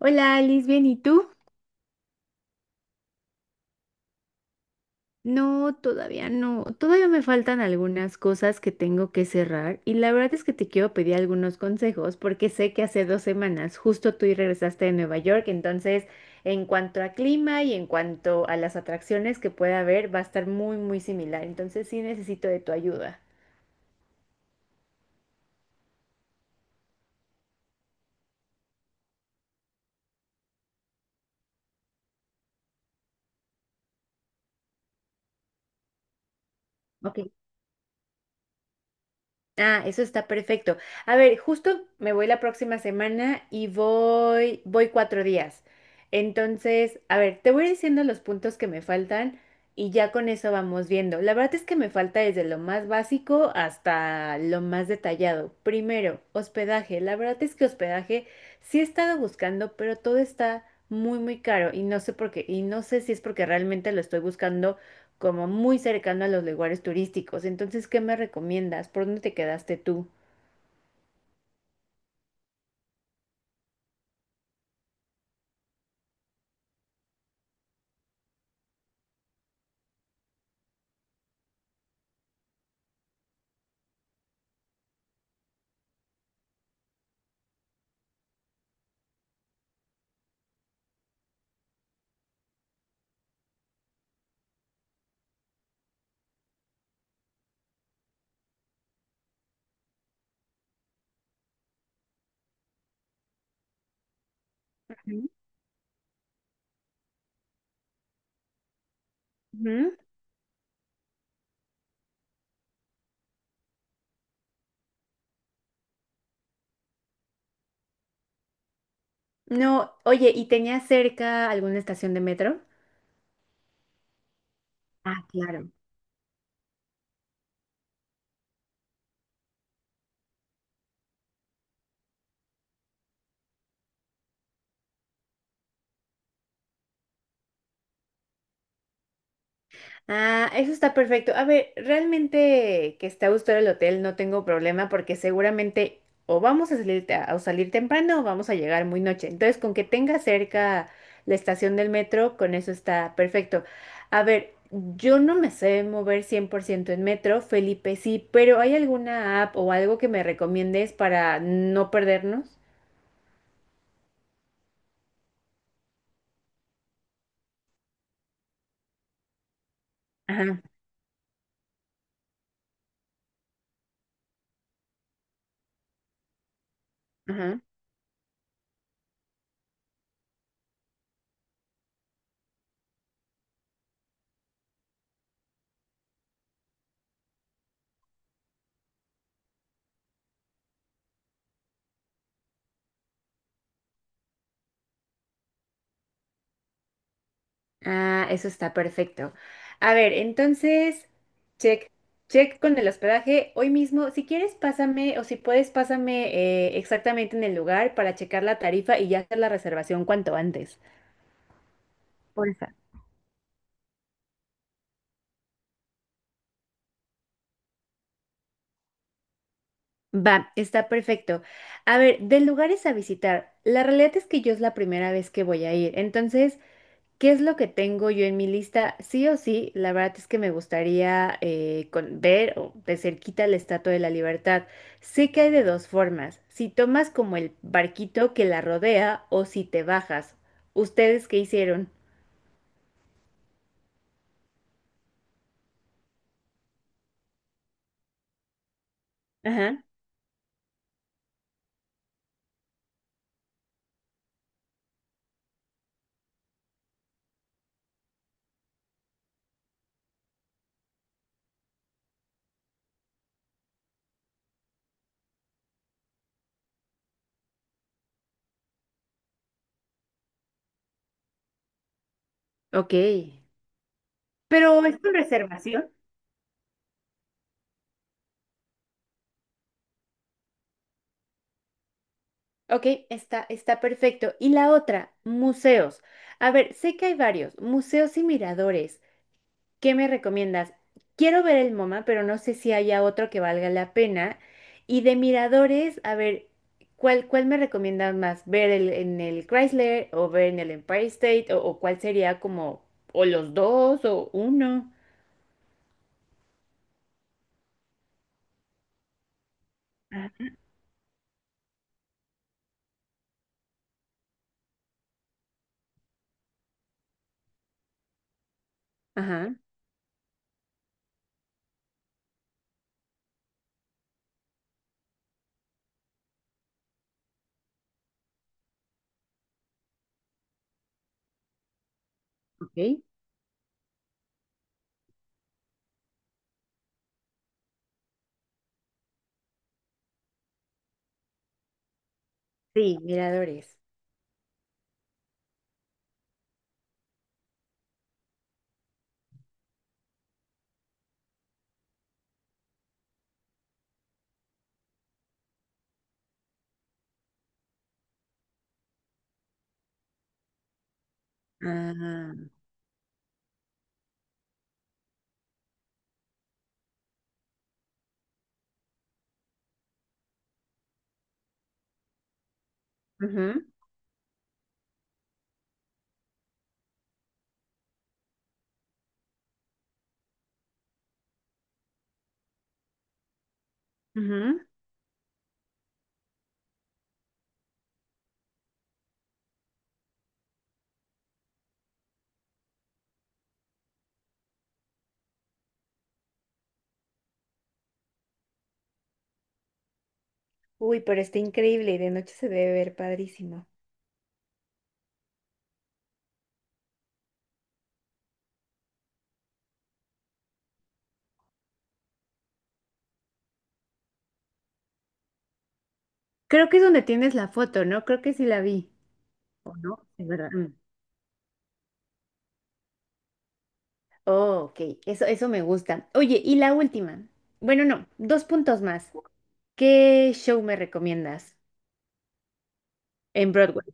Hola Alice, bien, ¿y tú? No, todavía no. Todavía me faltan algunas cosas que tengo que cerrar y la verdad es que te quiero pedir algunos consejos porque sé que hace 2 semanas justo tú y regresaste de Nueva York, entonces en cuanto a clima y en cuanto a las atracciones que pueda haber va a estar muy, muy similar, entonces sí necesito de tu ayuda. Ah, eso está perfecto. A ver, justo me voy la próxima semana y voy 4 días. Entonces, a ver, te voy diciendo los puntos que me faltan y ya con eso vamos viendo. La verdad es que me falta desde lo más básico hasta lo más detallado. Primero, hospedaje. La verdad es que hospedaje sí he estado buscando, pero todo está muy, muy caro y no sé por qué. Y no sé si es porque realmente lo estoy buscando como muy cercano a los lugares turísticos. Entonces, ¿qué me recomiendas? ¿Por dónde te quedaste tú? Ujú. Ujú. No, oye, ¿y tenías cerca alguna estación de metro? Ah, claro. Ah, eso está perfecto. A ver, realmente que esté a gusto el hotel no tengo problema porque seguramente o vamos a salir, a salir temprano o vamos a llegar muy noche. Entonces, con que tenga cerca la estación del metro, con eso está perfecto. A ver, yo no me sé mover 100% en metro, Felipe sí, pero ¿hay alguna app o algo que me recomiendes para no perdernos? Ajá, ajá. Ah, eso está perfecto. A ver, entonces, check, check con el hospedaje. Hoy mismo, si quieres, pásame o si puedes, pásame exactamente en el lugar para checar la tarifa y ya hacer la reservación cuanto antes. Porfa. Va, está perfecto. A ver, de lugares a visitar. La realidad es que yo es la primera vez que voy a ir, entonces, ¿qué es lo que tengo yo en mi lista? Sí o sí, la verdad es que me gustaría ver o de cerquita la Estatua de la Libertad. Sé que hay de dos formas, si tomas como el barquito que la rodea o si te bajas. ¿Ustedes qué hicieron? Ajá, ok. Pero es con reservación. Ok, está perfecto. Y la otra, museos. A ver, sé que hay varios, museos y miradores. ¿Qué me recomiendas? Quiero ver el MoMA, pero no sé si haya otro que valga la pena. Y de miradores, a ver, ¿cuál me recomiendas más? ¿Ver en el Chrysler o ver en el Empire State? ¿O cuál sería como, o los dos o uno? Ah, ajá. Ok. Sí, miradores. Ah, ujú. Ujú. Uy, pero está increíble y de noche se debe ver padrísimo. Creo que es donde tienes la foto, ¿no? Creo que sí la vi. Es verdad. Oh, ok, eso me gusta. Oye, y la última. Bueno, no, dos puntos más. ¿Qué show me recomiendas en Broadway?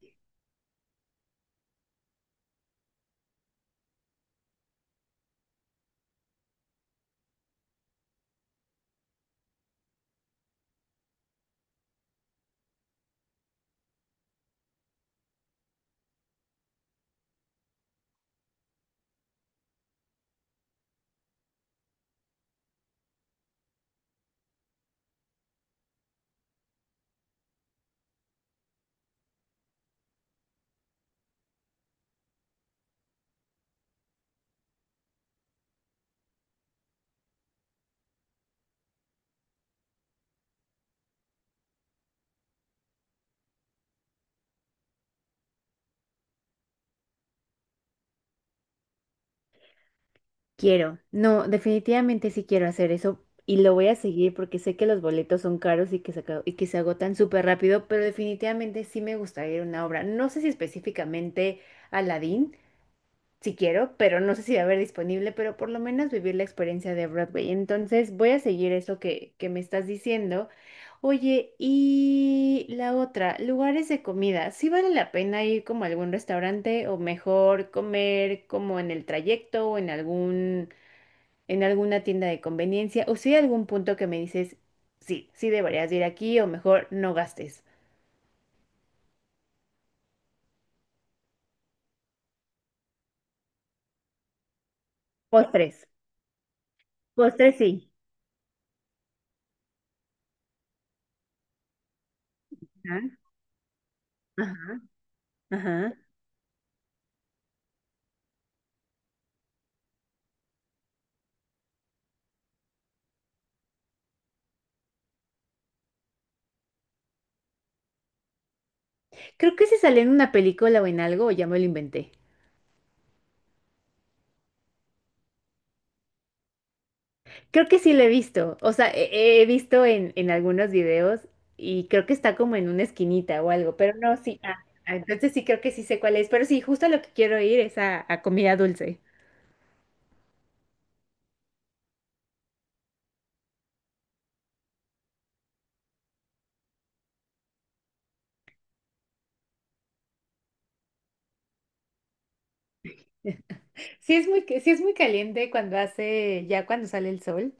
Quiero. No, definitivamente sí quiero hacer eso y lo voy a seguir porque sé que los boletos son caros y que se agotan súper rápido, pero definitivamente sí me gustaría ir a una obra. No sé si específicamente Aladdin, si quiero, pero no sé si va a haber disponible, pero por lo menos vivir la experiencia de Broadway. Entonces voy a seguir eso que me estás diciendo. Oye, y la otra, lugares de comida. ¿Sí vale la pena ir como a algún restaurante o mejor comer como en el trayecto o en alguna tienda de conveniencia? ¿O si hay algún punto que me dices, sí, sí deberías de ir aquí o mejor no gastes? Postres, postres sí. Ajá, ajá, ajá. Creo que se salió en una película o en algo, o ya me lo inventé. Creo que sí lo he visto. O sea, he visto en algunos videos y creo que está como en una esquinita o algo, pero no, sí. Ah, ah, entonces sí creo que sí sé cuál es. Pero sí, justo a lo que quiero ir es a comida dulce. Sí es muy caliente cuando ya cuando sale el sol.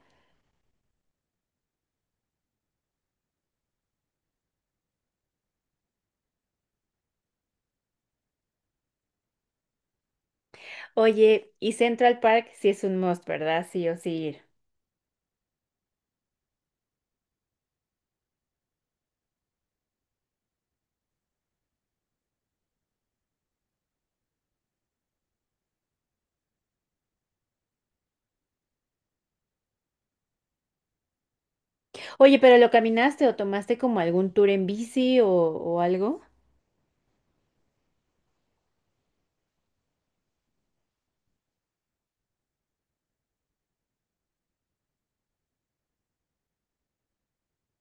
Oye, y Central Park sí es un must, ¿verdad? Sí o sí ir. Oye, pero ¿lo caminaste o tomaste como algún tour en bici o algo?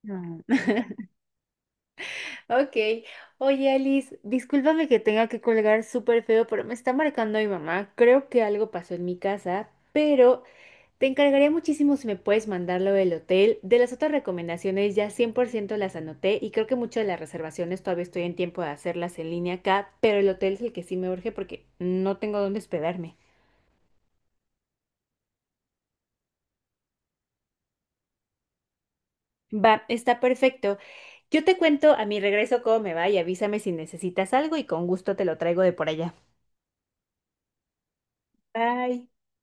No. Ok. Oye, Alice, discúlpame que tenga que colgar súper feo, pero me está marcando mi mamá. Creo que algo pasó en mi casa, pero te encargaría muchísimo si me puedes mandarlo del hotel. De las otras recomendaciones ya 100% las anoté y creo que muchas de las reservaciones todavía estoy en tiempo de hacerlas en línea acá, pero el hotel es el que sí me urge porque no tengo dónde hospedarme. Va, está perfecto. Yo te cuento a mi regreso cómo me va y avísame si necesitas algo y con gusto te lo traigo de por allá. Bye.